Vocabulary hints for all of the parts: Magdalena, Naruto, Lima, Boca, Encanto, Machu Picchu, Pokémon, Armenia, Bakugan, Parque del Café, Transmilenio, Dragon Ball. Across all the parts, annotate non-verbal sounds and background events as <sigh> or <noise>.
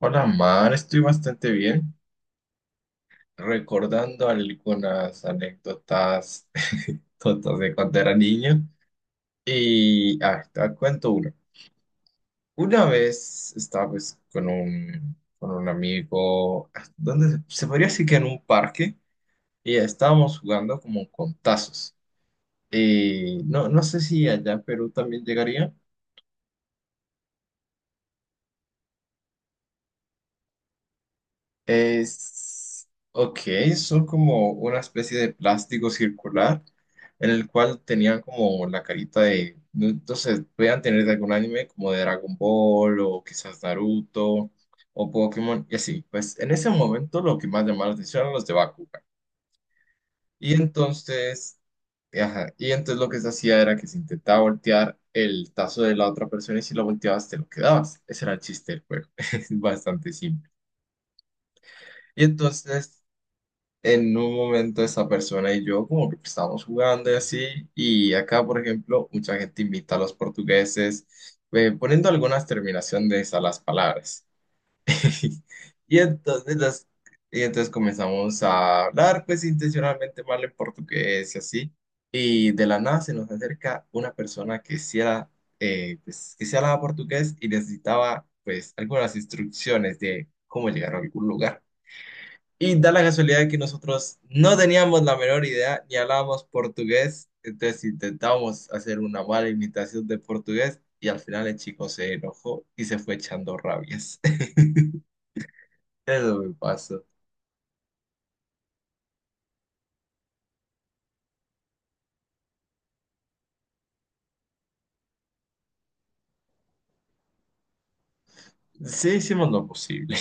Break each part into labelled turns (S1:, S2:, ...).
S1: Hola, Mar, estoy bastante bien. Recordando algunas anécdotas <laughs> tontas de cuando era niño. Te cuento una. Una vez estaba pues con un amigo, donde se podría decir que en un parque, y estábamos jugando como con tazos. Y no sé si allá en Perú también llegaría. Es, ok, son como una especie de plástico circular en el cual tenían como la carita de, entonces, podían tener de algún anime como de Dragon Ball o quizás Naruto o Pokémon y así. Pues en ese momento lo que más llamaba la atención eran los de Bakugan. Y entonces, ajá, y entonces lo que se hacía era que se intentaba voltear el tazo de la otra persona, y si lo volteabas te lo quedabas. Ese era el chiste del juego. <laughs> Es bastante simple. Y entonces en un momento esa persona y yo como que estábamos jugando y así, y acá, por ejemplo, mucha gente invita a los portugueses poniendo algunas terminaciones a las palabras. <laughs> Y entonces, las- y entonces comenzamos a hablar pues intencionalmente mal en portugués y así, y de la nada se nos acerca una persona que sí era, pues, que sí hablaba portugués y necesitaba pues algunas instrucciones de cómo llegar a algún lugar. Y da la casualidad de que nosotros no teníamos la menor idea ni hablábamos portugués, entonces intentábamos hacer una mala imitación de portugués y al final el chico se enojó y se fue echando rabias. <laughs> Eso me pasó. Sí, hicimos lo posible.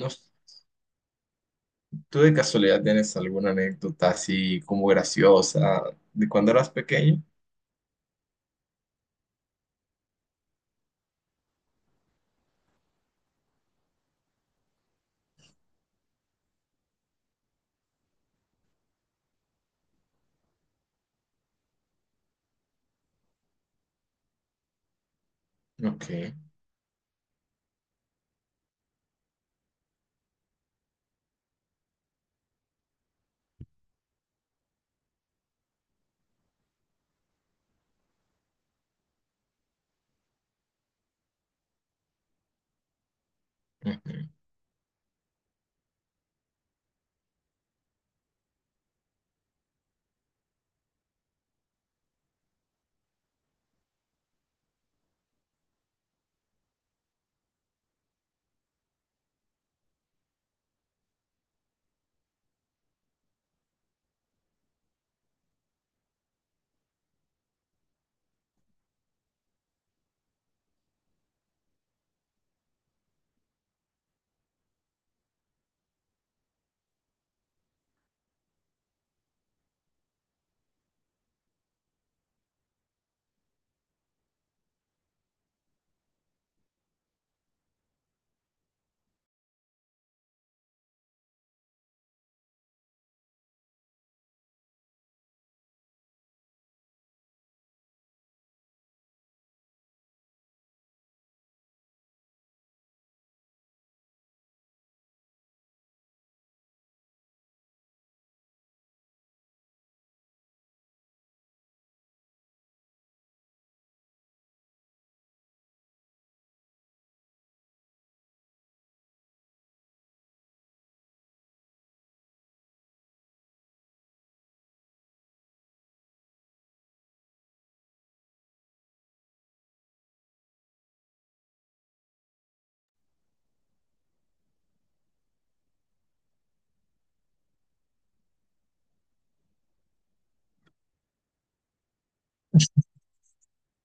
S1: No sé, ¿tú de casualidad tienes alguna anécdota así como graciosa de cuando eras pequeño? Ok. Ujú.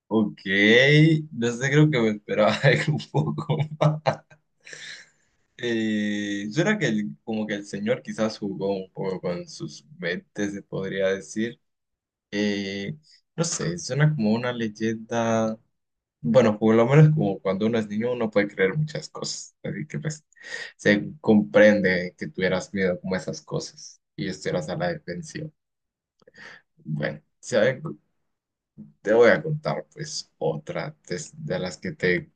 S1: Ok, no sé, creo que me esperaba <laughs> algo un poco más. Yo era que como que el señor quizás jugó un poco con sus mentes, se podría decir. Eh, no sé, suena como una leyenda. Bueno, por lo menos como cuando uno es niño uno puede creer muchas cosas. Así que pues se comprende que tuvieras miedo como a esas cosas y estuvieras a la defensiva. Bueno, ¿sabe? Te voy a contar pues otra de las que te.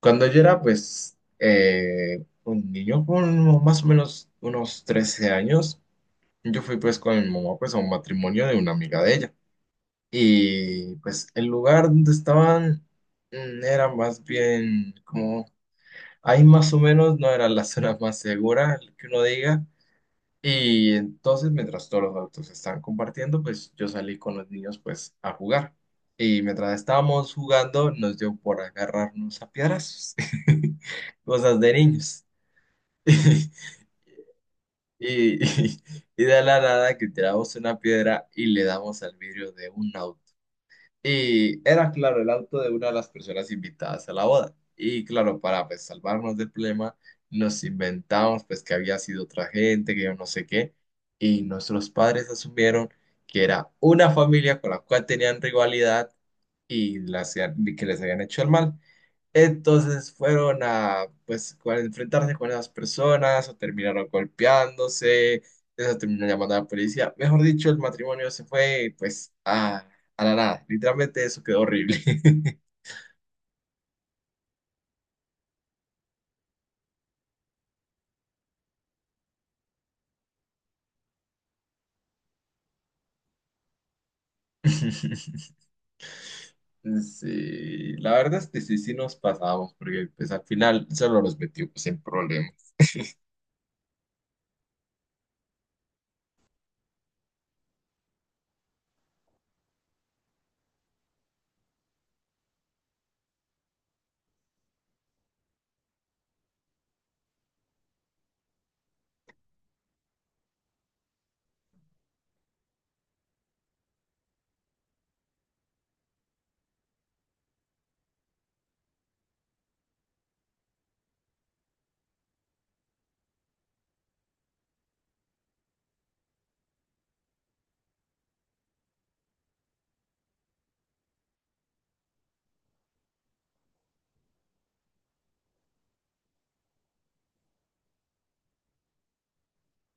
S1: Cuando yo era, pues, un niño, con más o menos unos 13 años, yo fui, pues, con mi mamá, pues, a un matrimonio de una amiga de ella. Y, pues, el lugar donde estaban, era más bien como, ahí más o menos no era la zona más segura, que uno diga, y entonces, mientras todos los adultos estaban compartiendo, pues yo salí con los niños pues a jugar. Y mientras estábamos jugando, nos dio por agarrarnos a piedras. <laughs> Cosas de niños. <laughs> Y, y, y de la nada que tiramos una piedra y le damos al vidrio de un auto. Y era, claro, el auto de una de las personas invitadas a la boda. Y claro, para pues salvarnos del problema, nos inventamos pues que había sido otra gente, que yo no sé qué. Y nuestros padres asumieron que era una familia con la cual tenían rivalidad y las, que les habían hecho el mal. Entonces fueron a, pues, a enfrentarse con esas personas o terminaron golpeándose, eso terminó llamando a la policía. Mejor dicho, el matrimonio se fue, pues, a la nada. Literalmente eso quedó horrible. <laughs> Sí, la verdad es que sí, sí nos pasamos, porque pues al final solo los metimos sin problema.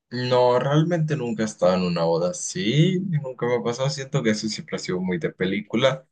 S1: No, realmente nunca he estado en una boda así, nunca me ha pasado, siento que eso siempre ha sido muy de película.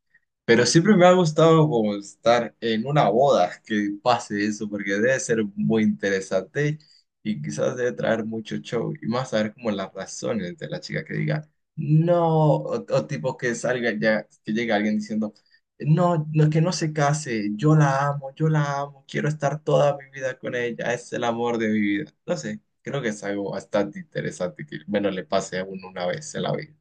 S1: Pero siempre me ha gustado como estar en una boda que pase eso, porque debe ser muy interesante y quizás debe traer mucho show y más saber como las razones de la chica que diga no, o tipo que salga ya, que llegue alguien diciendo no, no, que no se case, yo la amo, quiero estar toda mi vida con ella, es el amor de mi vida. No sé, creo que es algo bastante interesante que, bueno, le pase a uno una vez en la vida.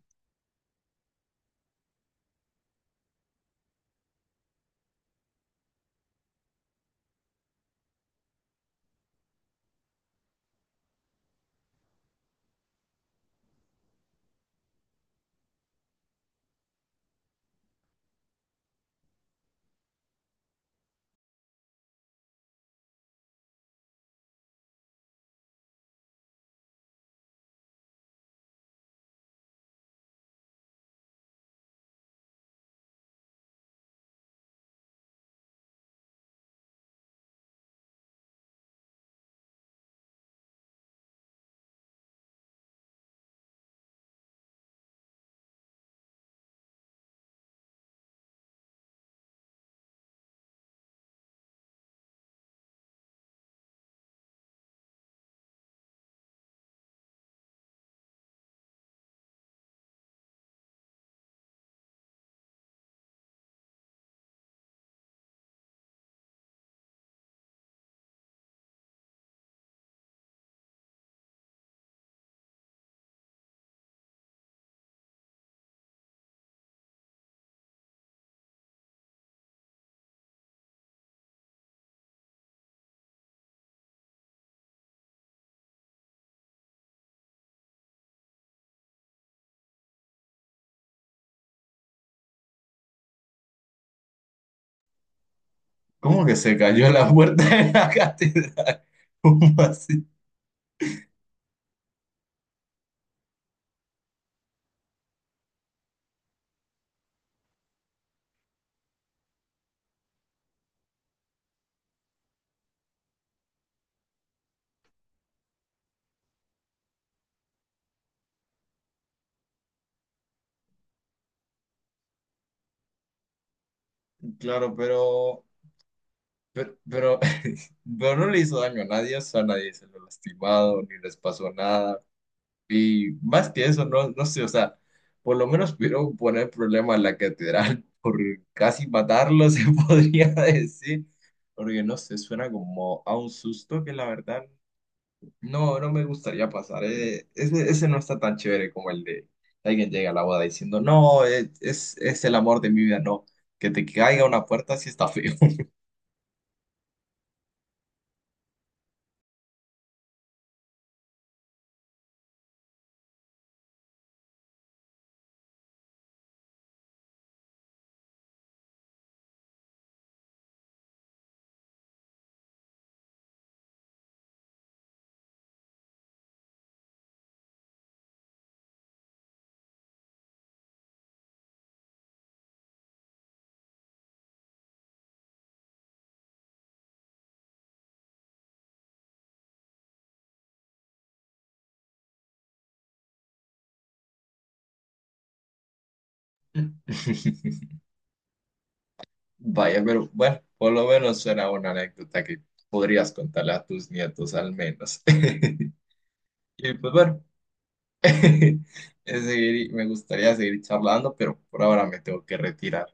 S1: ¿Cómo que se cayó la puerta de la catedral? <laughs> ¿Cómo así? Claro, pero <laughs> pero no le hizo daño a nadie, o sea, a nadie se lo lastimado, ni les pasó nada. Y más que eso, no, no sé, o sea, por lo menos pudieron poner problema en la catedral <laughs> por casi matarlo, <laughs> se podría decir. Porque no sé, suena como a un susto que la verdad no, no me gustaría pasar. Ese no está tan chévere como el de alguien llega a la boda diciendo, no, es el amor de mi vida, no. Que te caiga una puerta sí está feo. <laughs> Vaya, pero bueno, por lo menos suena una anécdota que podrías contarle a tus nietos al menos. <laughs> Y pues bueno, <laughs> me gustaría seguir charlando, pero por ahora me tengo que retirar.